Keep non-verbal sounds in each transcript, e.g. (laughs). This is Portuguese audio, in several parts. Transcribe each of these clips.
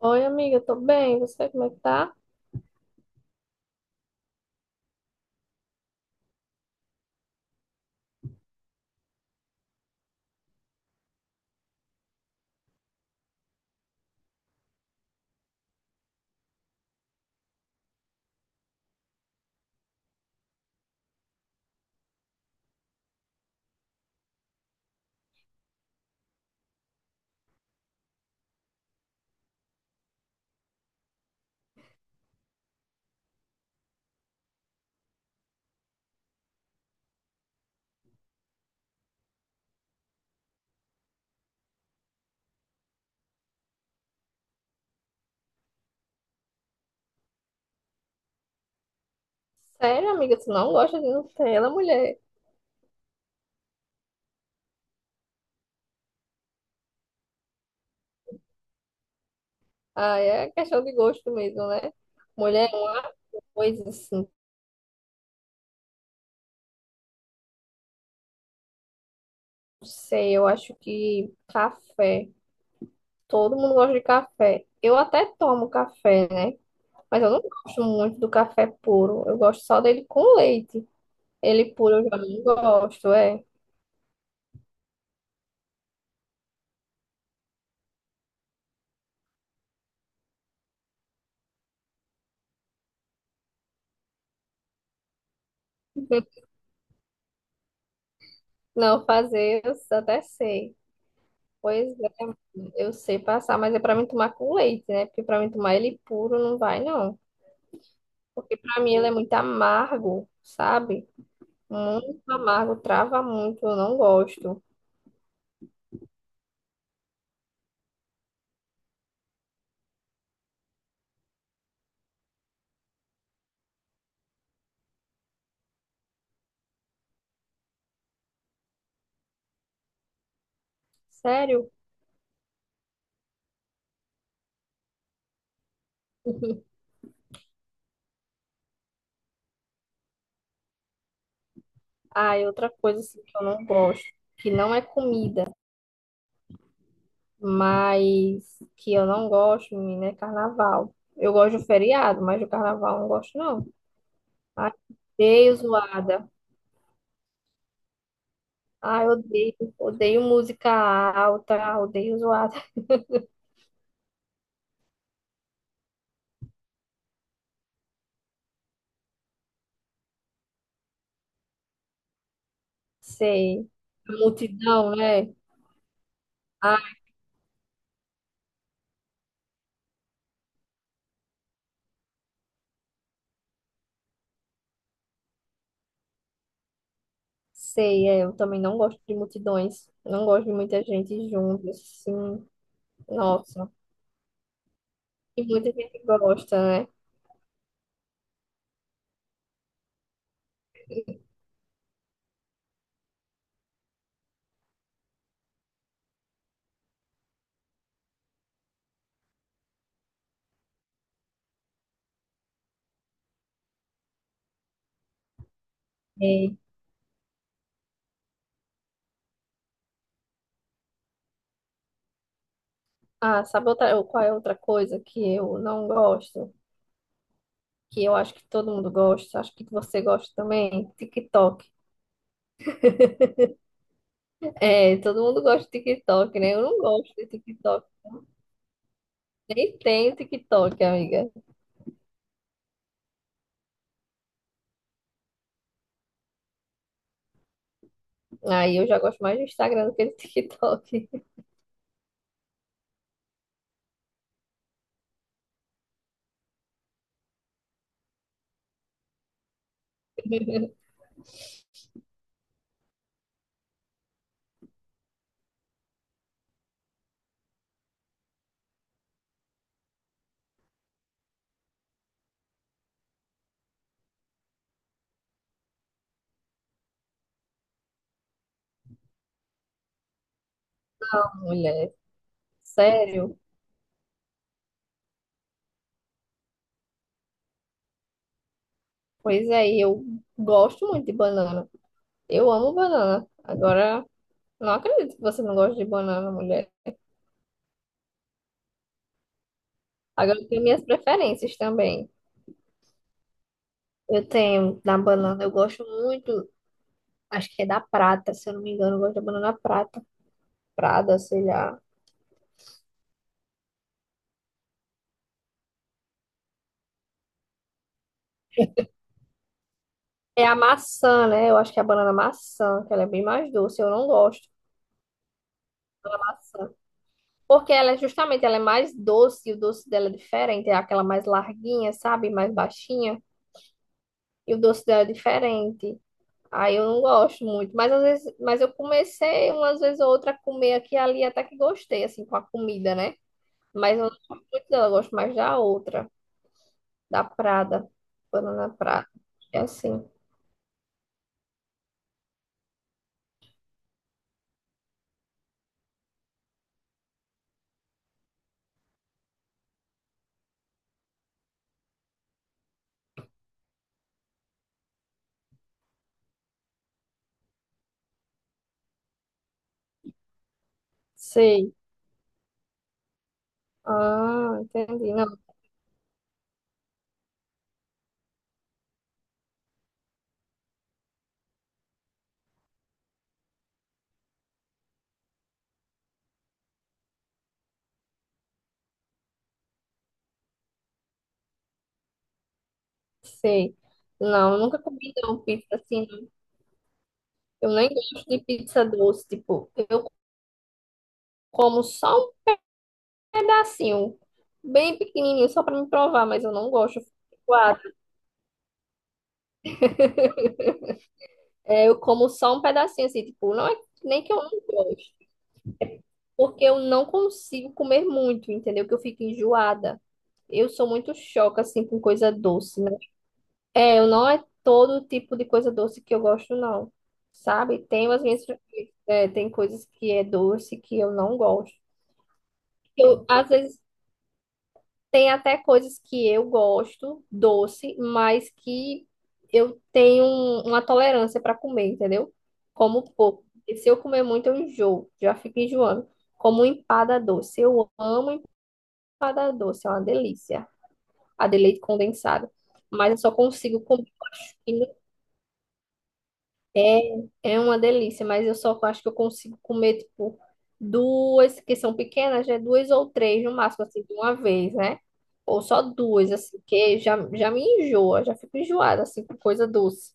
Oi, amiga, tô bem. Você, como é que tá? Sério, amiga, tu não gosta de Nutella, mulher? Ah, é questão de gosto mesmo, né? Mulher é uma coisa assim, não sei, eu acho que café. Todo mundo gosta de café. Eu até tomo café, né? Mas eu não gosto muito do café puro. Eu gosto só dele com leite. Ele puro eu já não gosto, é. Não fazer, eu até sei. Pois é, eu sei passar, mas é pra mim tomar com leite, né? Porque pra mim tomar ele puro não vai, não. Porque pra mim ele é muito amargo, sabe? Muito amargo, trava muito, eu não gosto. Sério? Ah, e outra coisa assim, que eu não gosto, que não é comida, mas que eu não gosto, menina, é carnaval. Eu gosto do feriado, mas do carnaval eu não gosto, não. Ai, odeio zoada. Ai, odeio, odeio música alta, odeio zoada. Sei. Multidão, né? Ah, sei, é, eu também não gosto de multidões. Não gosto de muita gente junto, assim. Nossa. E muita gente gosta, né? E- ah, sabe outra, qual é outra coisa que eu não gosto? Que eu acho que todo mundo gosta, acho que você gosta também, TikTok. É, todo mundo gosta de TikTok, né? Eu não gosto de TikTok. Nem tenho TikTok, amiga. Aí eu já gosto mais do Instagram do que do TikTok. (laughs) Mulher, sério? Pois é, e eu gosto muito de banana. Eu amo banana. Agora, não acredito que você não gosta de banana, mulher. Agora eu tenho minhas preferências também. Eu tenho da banana, eu gosto muito, acho que é da prata, se eu não me engano, eu gosto da banana prata, prada, sei lá. É a maçã, né? Eu acho que é a banana maçã, que ela é bem mais doce, eu não gosto da maçã. Porque ela é justamente, ela é mais doce, e o doce dela é diferente, é aquela mais larguinha, sabe? Mais baixinha, e o doce dela é diferente. Aí eu não gosto muito, mas às vezes, mas eu comecei umas vezes ou outra a comer aqui e ali, até que gostei, assim, com a comida, né? Mas eu não gosto muito dela, eu gosto mais da outra. Da Prada, banana Prada. É assim. Sei. Ah, entendi. Não, sei. Não, nunca comi não, pizza assim. Não. Eu nem gosto de pizza doce. Tipo, eu como só um pedacinho, bem pequenininho, só pra me provar, mas eu não gosto. Eu fico enjoada. É, eu como só um pedacinho, assim, tipo, não é nem que eu não gosto, porque eu não consigo comer muito, entendeu? Que eu fico enjoada. Eu sou muito choca, assim, com coisa doce. É, eu não é todo tipo de coisa doce que eu gosto, não. Sabe? Tem as minhas, é, tem coisas que é doce que eu não gosto. Eu, às vezes tem até coisas que eu gosto doce, mas que eu tenho uma tolerância para comer, entendeu? Como pouco. E se eu comer muito, eu enjoo, já fico enjoando. Como empada doce. Eu amo empada doce, é uma delícia. A de leite condensado. Mas eu só consigo comer. É, é uma delícia, mas eu só acho que eu consigo comer, tipo, duas, que são pequenas, né? Duas ou três no máximo, assim, de uma vez, né? Ou só duas, assim, que já me enjoa, já fico enjoada, assim, com coisa doce.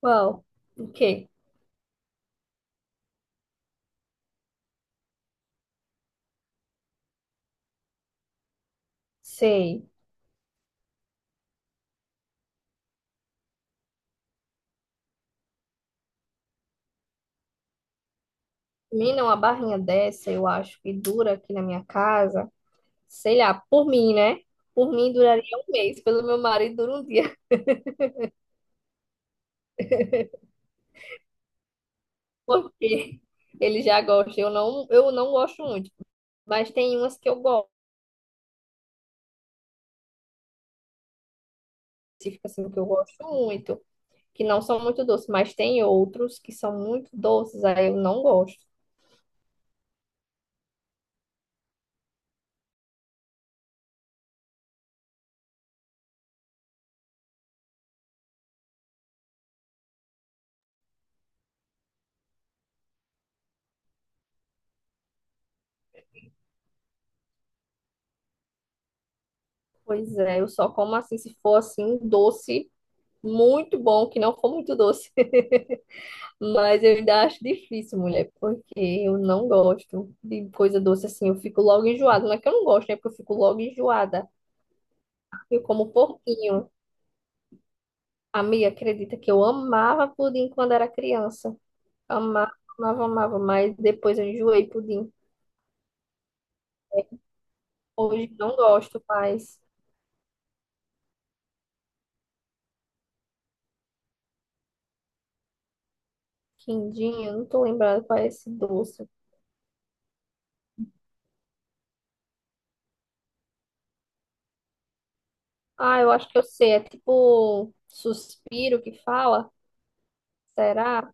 Qual? O quê? Sei. Menina, uma barrinha dessa, eu acho que dura aqui na minha casa, sei lá, por mim, né? Por mim duraria um mês, pelo meu marido dura um dia, (laughs) porque ele já gosta. Eu não gosto muito, mas tem umas que eu gosto. Específico assim que eu gosto muito, que não são muito doces, mas tem outros que são muito doces, aí eu não gosto. Pois é, eu só como assim se for assim um doce muito bom, que não for muito doce. (laughs) Mas eu ainda acho difícil, mulher, porque eu não gosto de coisa doce assim, eu fico logo enjoada. Não é que eu não gosto, né? Porque eu fico logo enjoada. Eu como pouquinho. A acredita que eu amava pudim quando era criança. Amava, amava, amava, mas depois eu enjoei pudim. Hoje não gosto mais. Quindim, eu não tô lembrada qual é esse doce. Ah, eu acho que eu sei. É tipo suspiro que fala? Será?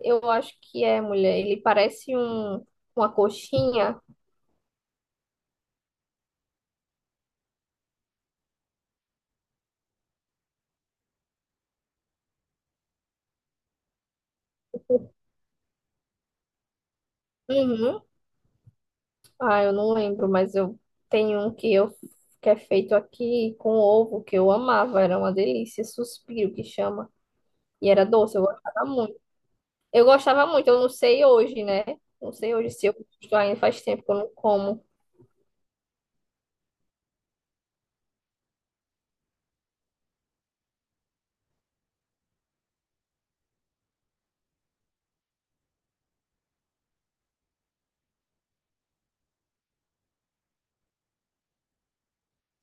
Eu acho que é, mulher. Ele parece um, uma coxinha. Uhum. Ah, eu não lembro, mas eu tenho um que é feito aqui com ovo, que eu amava, era uma delícia, suspiro que chama. E era doce, eu gostava muito. Eu gostava muito, eu não sei hoje, né? Não sei hoje se eu gosto ainda faz tempo que eu não como.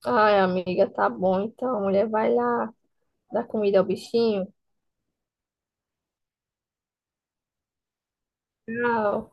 Ai, amiga, tá bom. Então, a mulher vai lá dar comida ao bichinho. Tchau.